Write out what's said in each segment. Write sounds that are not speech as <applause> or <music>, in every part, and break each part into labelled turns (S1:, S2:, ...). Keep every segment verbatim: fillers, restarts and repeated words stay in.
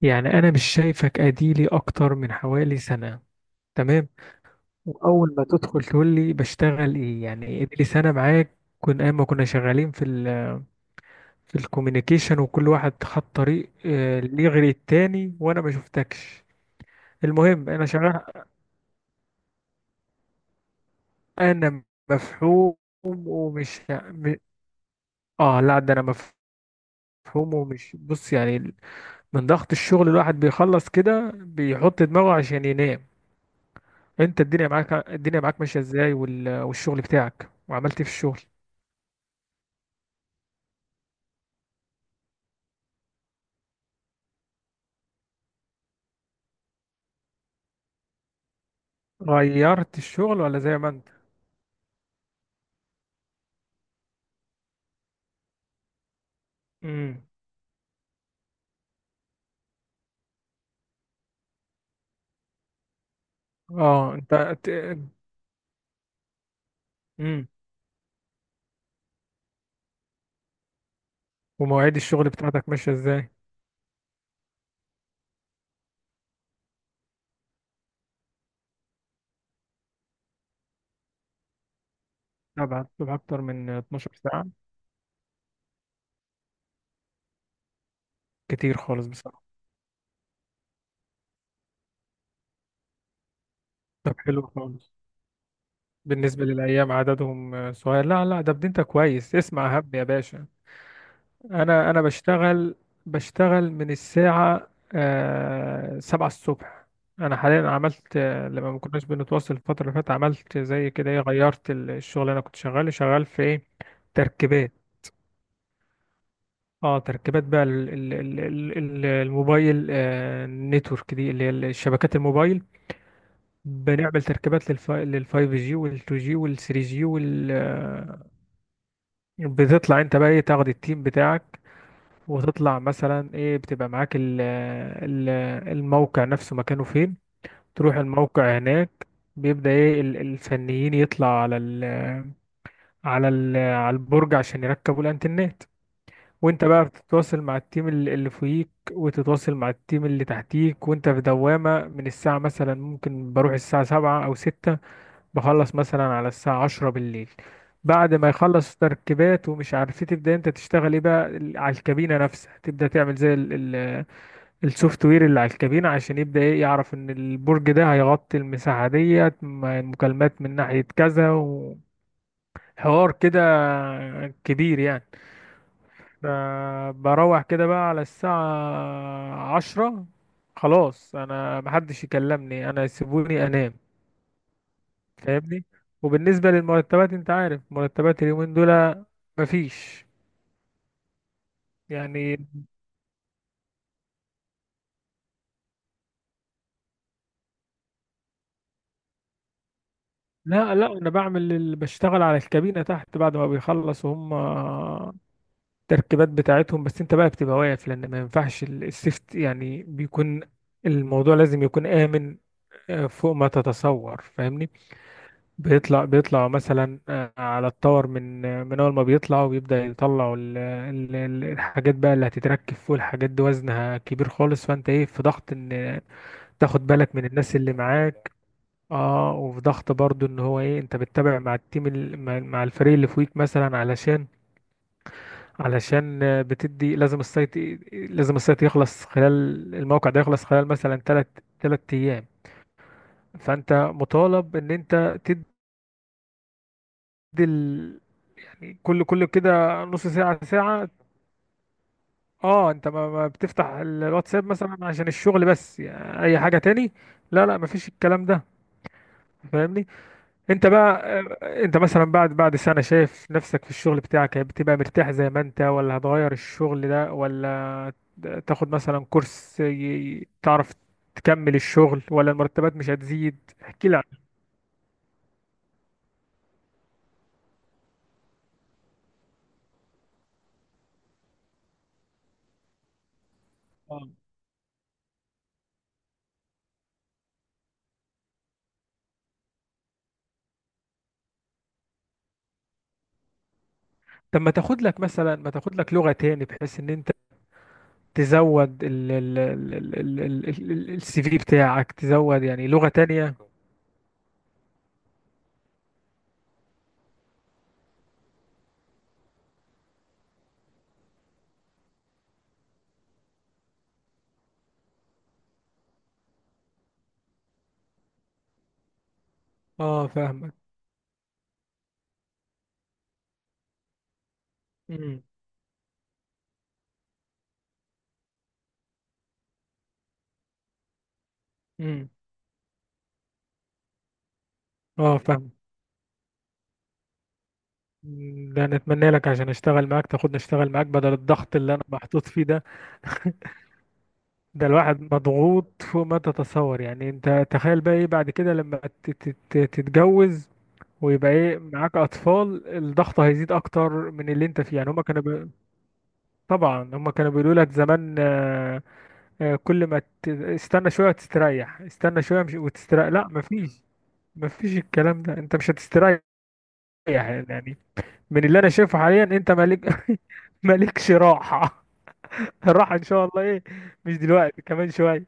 S1: يعني انا مش شايفك، اديلي اكتر من حوالي سنة. تمام. واول ما تدخل تقول لي بشتغل ايه، يعني اديلي سنة. معاك كنا ايام ما كنا شغالين في ال في الكوميونيكيشن، وكل واحد خد طريق آه، ليه غير التاني، وانا ما شفتكش. المهم انا شغال. انا مفهوم ومش م- اه لا، ده انا مفهوم. ومش بص يعني، من ضغط الشغل الواحد بيخلص كده بيحط دماغه عشان ينام. انت الدنيا معاك، الدنيا معاك ماشيه ازاي؟ وال... والشغل بتاعك، وعملت ايه في الشغل؟ غيرت الشغل ولا زي ما انت؟ امم. اه انت. امم. ومواعيد الشغل بتاعتك ماشيه ازاي؟ طبعا بتبقى اكتر من اتناشر ساعة ساعه، كتير خالص بصراحه. طب حلو خالص. بالنسبه للايام عددهم آه، صغير. لا لا، ده بدي انت كويس، اسمع هب يا باشا. انا انا بشتغل، بشتغل من الساعة آه، سبعة الصبح. انا حاليا عملت آه، لما ما كناش بنتواصل الفترة اللي فاتت، عملت زي كده ايه، غيرت ال- الشغل اللي انا كنت شغال. شغال في ايه؟ تركيبات. اه، تركيبات بقى ال ال ال ال ال- الموبايل، آه، نتورك دي، اللي هي الشبكات الموبايل. بنعمل تركيبات للف للفايف جي وال2 جي وال3 جي وال فايف جي وال- تو جي وال- آه، بتطلع انت بقى ايه، تاخد التيم بتاعك، وتطلع مثلا ايه بتبقى معاك ال ال الموقع نفسه مكانه فين. تروح الموقع هناك، بيبدأ ايه ال- الفنيين يطلع على ال، على ال على البرج عشان يركبوا الانترنت. وانت بقى بتتواصل مع التيم ال- اللي فوقيك، وتتواصل مع التيم اللي تحتيك، وانت في دوامة. من الساعة مثلا ممكن بروح الساعة سبعة او ستة، بخلص مثلا على الساعة عشرة بالليل، بعد ما يخلص تركيبات ومش عارف ايه، تبدأ انت تشتغل ايه بقى ال- على الكابينة نفسها، تبدأ تعمل زي ال- ال- السوفت وير اللي على الكابينة، عشان يبدأ ايه يعرف ان البرج ده هيغطي المساحة ديت، م- المكالمات من ناحية كذا، وحوار كده كبير يعني. ب- بروح كده بقى على الساعة عشرة، خلاص انا محدش يكلمني، انا سيبوني انام فاهمني. وبالنسبة للمرتبات، انت عارف مرتبات اليومين دول، مفيش يعني. لا لا، انا بعمل ال- بشتغل على الكابينة تحت بعد ما بيخلصوا هم التركيبات بتاعتهم. بس انت بقى بتبقى واقف، لان ما ينفعش ال- السيفت يعني، بيكون الموضوع لازم يكون آمن، آه، فوق ما تتصور فاهمني. بيطلع بيطلع مثلا آه، على التور، من آه، من اول ما بيطلع، وبيبدأ يطلعوا ال- ال- ال- الحاجات بقى اللي هتتركب فوق. الحاجات دي وزنها كبير خالص، فانت ايه، في ضغط ان تاخد بالك من الناس اللي معاك. اه، وفي ضغط برضو ان هو ايه، انت بتتابع مع التيم ال- مع مع الفريق اللي فوقيك مثلا، علشان علشان آه، بتدي لازم السايت، لازم السايت يخلص خلال، الموقع ده يخلص خلال مثلا تلات، تلات ايام. فانت مطالب ان انت تدي كل كل كده نص ساعة، ساعة. اه انت، ما ما بتفتح ال- الواتساب مثلا عشان الشغل، بس يعني اي حاجة تاني، لا لا مفيش الكلام ده فاهمني. انت بقى آه، انت مثلا بعد بعد سنة شايف نفسك في الشغل بتاعك، يعني بتبقى مرتاح زي ما انت، ولا هتغير الشغل ده، ولا تاخد مثلا كورس ي- تعرف تكمل الشغل، ولا المرتبات مش هتزيد؟ احكي لي عن. آه. طب، ما تاخد لك مثلا ما تاخد لك لغة تاني، بحيث ان انت تزود ال ال ال ال ال ال ال السي في بتاعك، تزود يعني لغة تانية. اه فاهمك. امم. امم. اه فاهم. مم، ده نتمنى لك عشان اشتغل معاك، تاخد نشتغل معاك بدل الضغط اللي انا محطوط فيه ده. ده الواحد مضغوط فوق ما تتصور، يعني انت تخيل بقى ايه بعد كده لما ت- ت- ت- تتجوز، ويبقى ايه معاك اطفال؟ الضغط هيزيد اكتر من اللي انت فيه، يعني هما كانوا بي. طبعا هما كانوا بيقولوا لك زمان آه، آه، كل ما ت- استنى شوية وتستريح، استنى شوية مش وتستريح لا مفيش. مفيش الكلام ده، انت مش هتستريح يعني. من اللي انا شايفه حاليا، انت مالك <laughs> مالكش راحة. الراحة ان شاء الله ايه، مش دلوقتي، كمان شوية.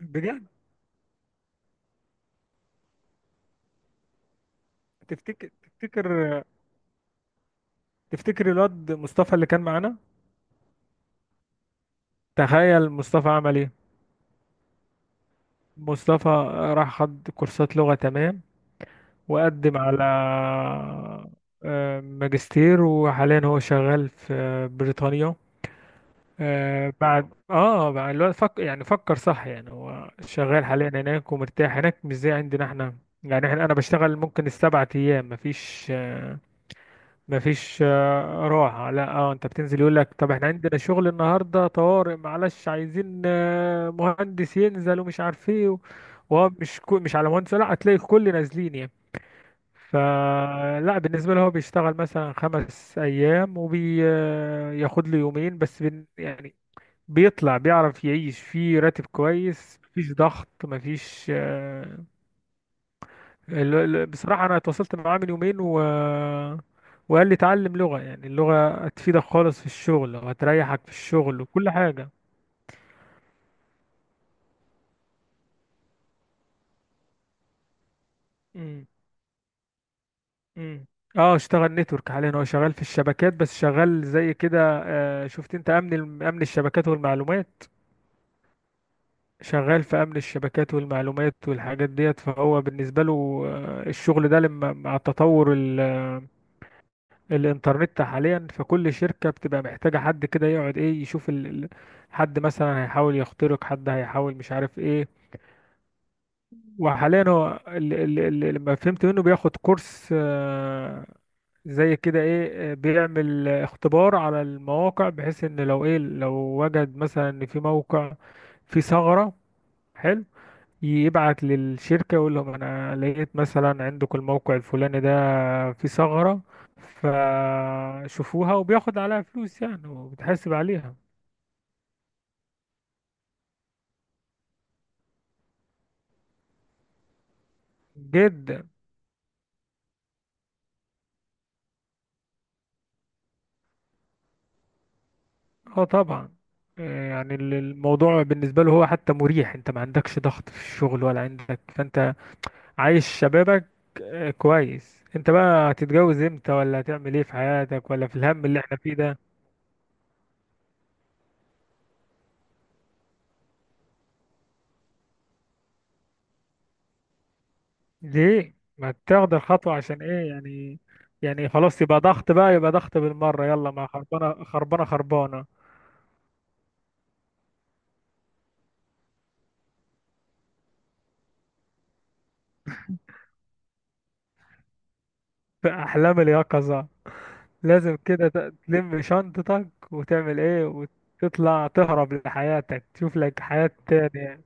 S1: بجد، تفتكر، تفتكر، تفتكر الواد مصطفى اللي كان معانا؟ تخيل مصطفى عمل ايه. مصطفى راح خد كورسات لغة، تمام، وقدم على آه، ماجستير، وحاليا هو شغال في بريطانيا. آه بعد اه بعد الوقت، فك... يعني فكر صح يعني. هو شغال حاليا هناك، ومرتاح هناك، مش زي عندنا احنا. يعني احنا، انا بشتغل ممكن السبعة ايام مفيش آه مفيش آه راحة، لا. اه انت بتنزل، يقول لك طب احنا عندنا شغل النهاردة طوارئ معلش، عايزين آه مهندس ينزل ومش عارف ايه و- وهو مش كو... مش على مهندس، لا هتلاقي الكل نازلين يعني. فلا، بالنسبة له هو بيشتغل مثلا خمس أيام، وبياخد له يومين بس، بن... يعني بيطلع، بيعرف يعيش، في راتب كويس، مفيش ضغط، مفيش آه، ال- ال- بصراحة أنا اتواصلت معاه من يومين و... وقال لي اتعلم لغة، يعني اللغة هتفيدك خالص في الشغل، وهتريحك في الشغل وكل حاجة. امم. امم. اه، اشتغل نتورك. حاليا هو شغال في الشبكات بس، شغال زي كده آه، شفت، انت امن الم- امن الشبكات والمعلومات، شغال في امن الشبكات والمعلومات والحاجات ديت. فهو بالنسبة له آه، الشغل ده لما مع التطور، الانترنت حاليا في كل شركة بتبقى محتاجة حد كده، يقعد ايه يشوف ال... ال- حد مثلا هيحاول يخترق، حد هيحاول مش عارف ايه. وحاليا هو ال... ال... ال... لما فهمت منه بياخد كورس آه، زي كده ايه آه، بيعمل اختبار على المواقع، بحيث ان لو ايه، لو وجد مثلا ان في موقع فيه ثغرة، حلو، يبعت للشركة يقول لهم أنا لقيت مثلا عندكم الموقع الفلاني ده فيه ثغرة، فشوفوها، وبياخد عليها فلوس يعني، وبتحاسب عليها. جدا. اه طبعا، آه، يعني ال- الموضوع بالنسبة له هو حتى مريح، انت ما عندكش ضغط في الشغل ولا عندك، فانت عايش شبابك آه، كويس. انت بقى هتتجوز امتى، ولا هتعمل ايه في حياتك، ولا في الهم اللي احنا فيه ده؟ ليه ما تاخد الخطوة، عشان ايه يعني؟ يعني خلاص يبقى ضغط بقى، يبقى ضغط بالمرة، يلا ما خربانة، خربانة، خربانة. في أحلام اليقظة، لازم كده ت- تلم شنطتك وتعمل ايه، وتطلع تهرب لحياتك، تشوف لك حياة تانية.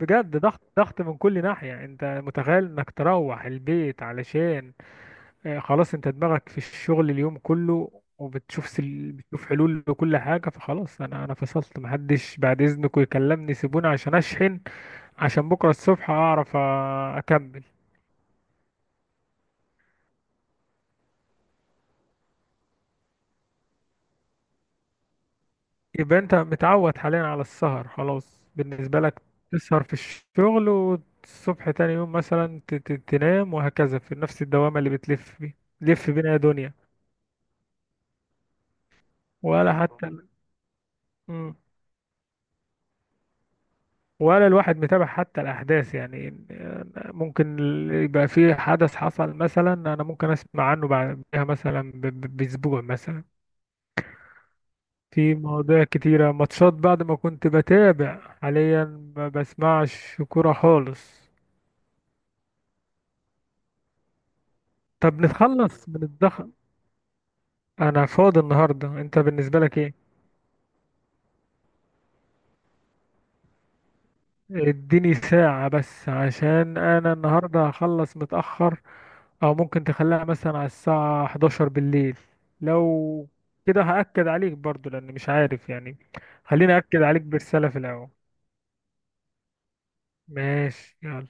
S1: بجد، ضغط، ضغط من كل ناحية. انت متخيل انك تروح البيت علشان آه، خلاص، انت دماغك في الشغل اليوم كله، وبتشوف سل... بتشوف حلول لكل حاجة، فخلاص انا انا فصلت، محدش بعد اذنكم يكلمني، سيبوني عشان اشحن عشان بكرة الصبح اعرف آه، اكمل. يبقى انت متعود حاليا على السهر، خلاص بالنسبة لك تسهر في الشغل، والصبح تاني يوم مثلا ت... ت... تنام، وهكذا في نفس الدوامة اللي بتلف بيه، لف بينا يا دنيا. ولا حتى. مم. ولا الواحد متابع حتى الأحداث يعني، إن- ممكن يبقى في حدث حصل مثلا، أنا ممكن أسمع عنه بعدها مثلا ب- ب- بأسبوع مثلا. في مواضيع كتيرة، ماتشات بعد ما كنت بتابع، حاليا ما بسمعش كورة خالص. طب نتخلص من الضغط؟ أنا فاضي النهاردة، أنت بالنسبة لك إيه؟ اديني ساعة بس، عشان انا النهاردة هخلص متأخر، او ممكن تخليها مثلا على الساعة احد عشر بالليل. لو كده، هأكد عليك برضو لان مش عارف يعني، خليني أأكد عليك برسالة في الاول. ماشي، يلا.